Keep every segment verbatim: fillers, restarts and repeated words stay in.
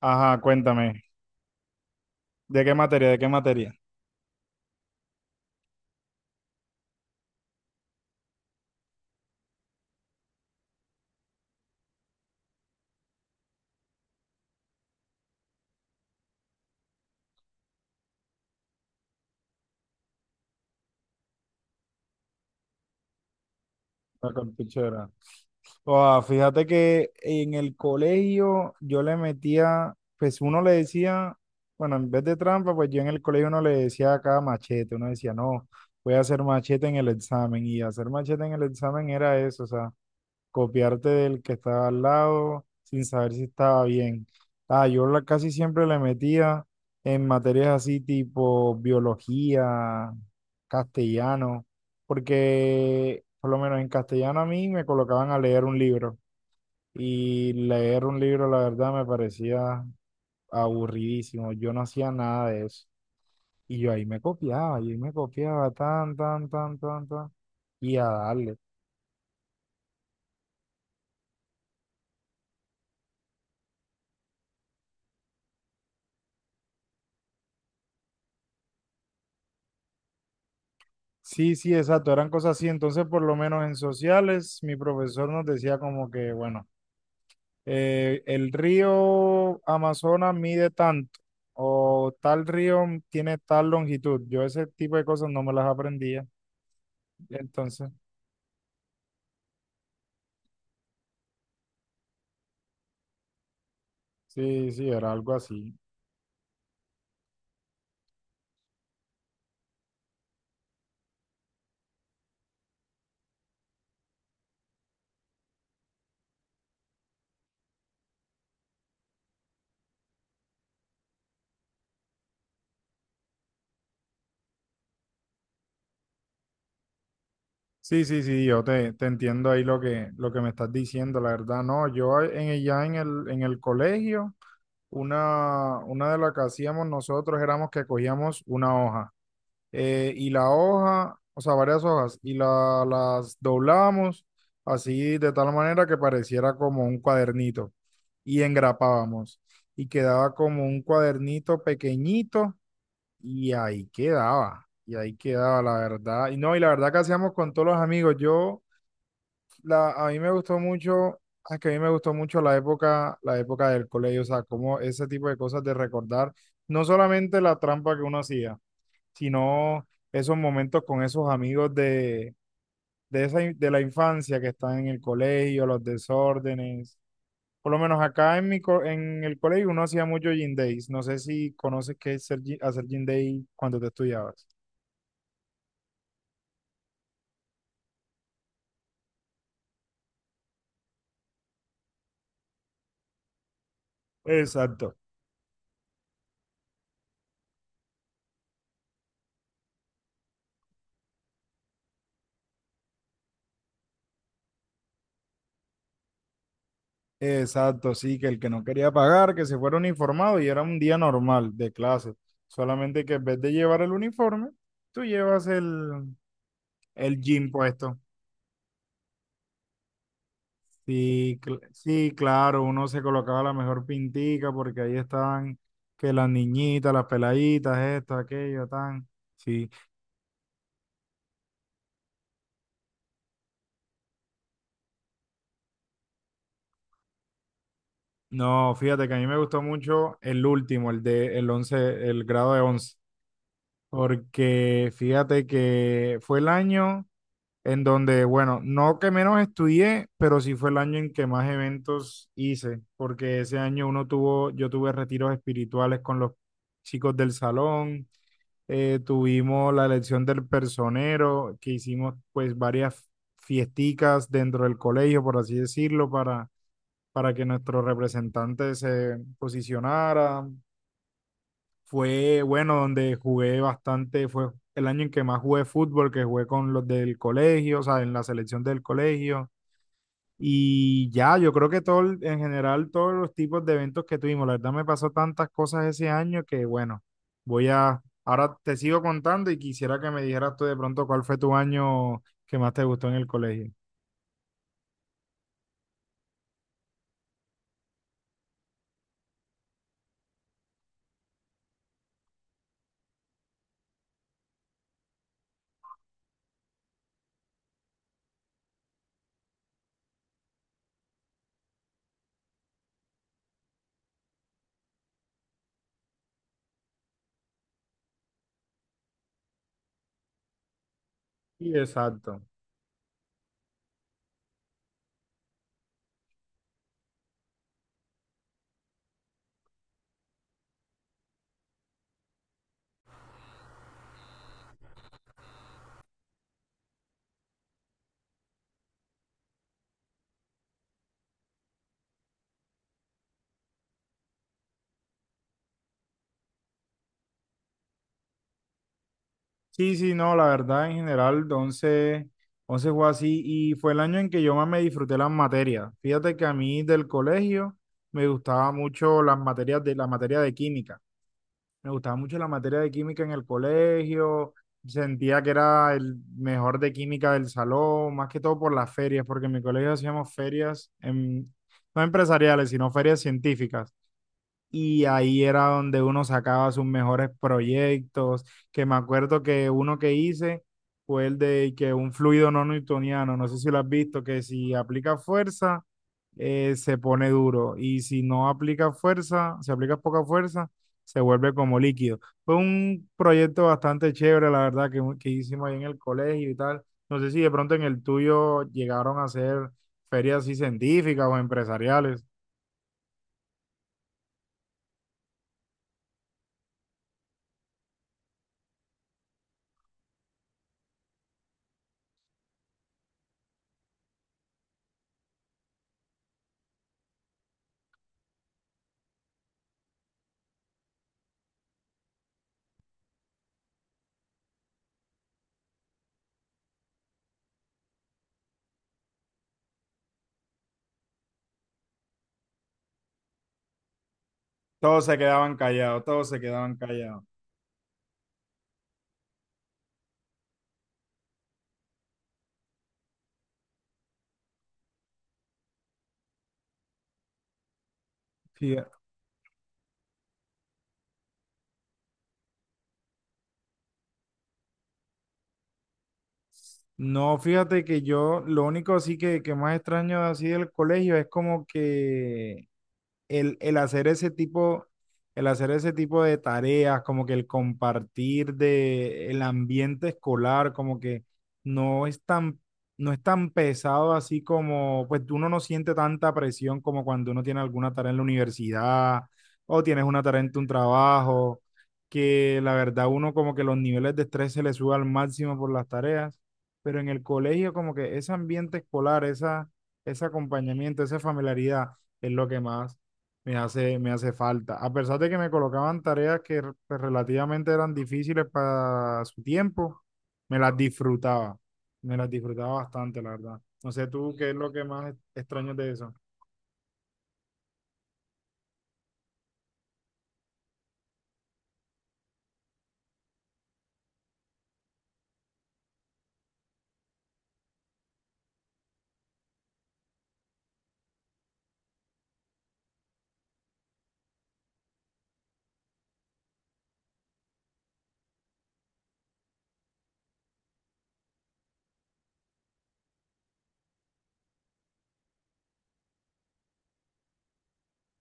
Ajá, cuéntame. ¿De qué materia? ¿De qué materia? La cartuchera. Ah, fíjate que en el colegio yo le metía, pues uno le decía, bueno, en vez de trampa, pues yo en el colegio uno le decía acá machete. Uno decía, no, voy a hacer machete en el examen. Y hacer machete en el examen era eso, o sea, copiarte del que estaba al lado sin saber si estaba bien. Ah, yo la, casi siempre le metía en materias así tipo biología, castellano, porque por lo menos en castellano a mí me colocaban a leer un libro y leer un libro la verdad me parecía aburridísimo, yo no hacía nada de eso. Y yo ahí me copiaba, y ahí me copiaba tan, tan, tan, tan, tan, y a darle. Sí, sí, exacto, eran cosas así. Entonces, por lo menos en sociales, mi profesor nos decía como que, bueno, eh, el río Amazonas mide tanto o tal río tiene tal longitud. Yo ese tipo de cosas no me las aprendía. Entonces, sí, sí, era algo así. Sí, sí, sí, yo te, te entiendo ahí lo que, lo que me estás diciendo, la verdad, no, yo en, el- ya en el, en el colegio, una, una de las que hacíamos nosotros éramos que cogíamos una hoja. eh, y la hoja, o sea, varias hojas, y la, las doblábamos así de tal manera que pareciera como un cuadernito y engrapábamos y quedaba como un cuadernito pequeñito y ahí quedaba, y ahí quedaba la verdad. Y no, y la verdad que hacíamos con todos los amigos, yo, la, a mí me gustó mucho. Es que a mí me gustó mucho la época, la época del colegio, o sea, como ese tipo de cosas de recordar, no solamente la trampa que uno hacía, sino esos momentos con esos amigos de, de, esa, in- de la infancia que están en el colegio, los desórdenes. Por lo menos acá en, mi, co- en el colegio uno hacía mucho gym days. No sé si conoces qué es ser gy- hacer gym day cuando te estudiabas. Exacto, exacto, sí, que el que no quería pagar, que se fuera uniformado y era un día normal de clase. Solamente que en vez de llevar el uniforme, tú llevas el, el jean puesto. Sí, cl- sí, claro, uno se colocaba la mejor pintica porque ahí estaban que las niñitas, las peladitas, esto, aquello, tan. Sí, no, fíjate que a mí me gustó mucho el último, el de el once, el grado de once, porque fíjate que fue el año en donde, bueno, no que menos estudié, pero sí fue el año en que más eventos hice, porque ese año uno tuvo, yo tuve retiros espirituales con los chicos del salón eh, Tuvimos la elección del personero, que hicimos pues varias fiesticas dentro del colegio, por así decirlo, para, para que nuestro representante se posicionara. Fue bueno, donde jugué bastante, fue el año en que más jugué fútbol, que jugué con los del colegio, o sea, en la selección del colegio. Y ya, yo creo que todo, el- en general, todos los tipos de eventos que tuvimos, la verdad me pasó tantas cosas ese año que bueno, voy a, ahora te sigo contando y quisiera que me dijeras tú de pronto cuál fue tu año que más te gustó en el colegio. Sí, exacto. Sí, sí, no, la verdad en general, once once fue así y fue el año en que yo más me disfruté las materias. Fíjate que a mí del colegio me gustaba mucho las materias de la materia de química. Me gustaba mucho la materia de química en el colegio, sentía que era el mejor de química del salón, más que todo por las ferias, porque en mi colegio hacíamos ferias, en- no empresariales, sino ferias científicas, y ahí era donde uno sacaba sus mejores proyectos, que me acuerdo que uno que hice fue el de que un fluido no newtoniano, no sé si lo has visto, que si aplica fuerza, eh, se pone duro, y si no aplica fuerza, si aplicas poca fuerza, se vuelve como líquido. Fue un proyecto bastante chévere, la verdad, que, que hicimos ahí en el colegio y tal. No sé si de pronto en el tuyo llegaron a hacer ferias así científicas o empresariales. Todos se quedaban callados, todos se quedaban callados. Fíjate- No, fíjate que yo lo único así que, que más extraño así del colegio es como que el, el hacer ese tipo, el hacer ese tipo de tareas, como que el compartir de el ambiente escolar, como que no es tan, no es tan pesado así como, pues uno no siente tanta presión como cuando uno tiene alguna tarea en la universidad o tienes una tarea en tu trabajo, que la verdad uno como que los niveles de estrés se le sube al máximo por las tareas, pero en el colegio como que ese ambiente escolar, esa, ese acompañamiento, esa familiaridad es lo que más me hace, me hace falta. A pesar de que me colocaban tareas que r- pues, relativamente eran difíciles para su tiempo, me las disfrutaba. Me las disfrutaba bastante, la verdad. No sé tú qué es lo que más extraño de eso.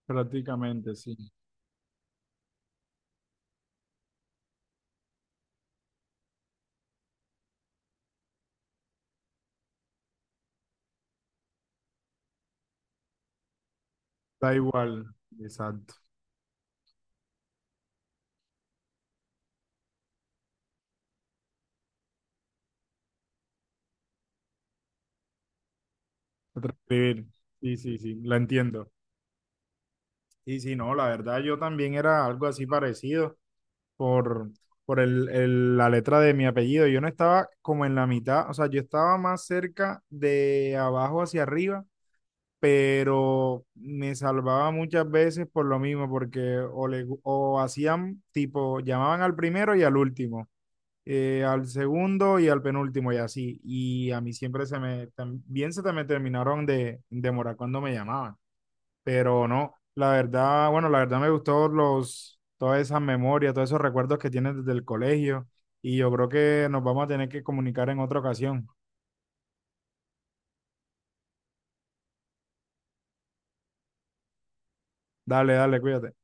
Prácticamente, sí. Da igual. Exacto. Transcribir. Sí, sí, sí, la entiendo. Sí, sí, no, la verdad yo también era algo así parecido por, por el, el- la letra de mi apellido. Yo no estaba como en la mitad, o sea, yo estaba más cerca de abajo hacia arriba, pero me salvaba muchas veces por lo mismo, porque o, le, gu- o hacían tipo, llamaban al primero y al último, eh, al segundo y al penúltimo, y así, y a mí siempre se me, también se te me terminaron de demorar cuando me llamaban, pero no, la verdad, bueno, la verdad me gustó los, todas esas memorias, todos esos recuerdos que tienes desde el colegio, y yo creo que nos vamos a tener que comunicar en otra ocasión. Dale, dale, cuídate.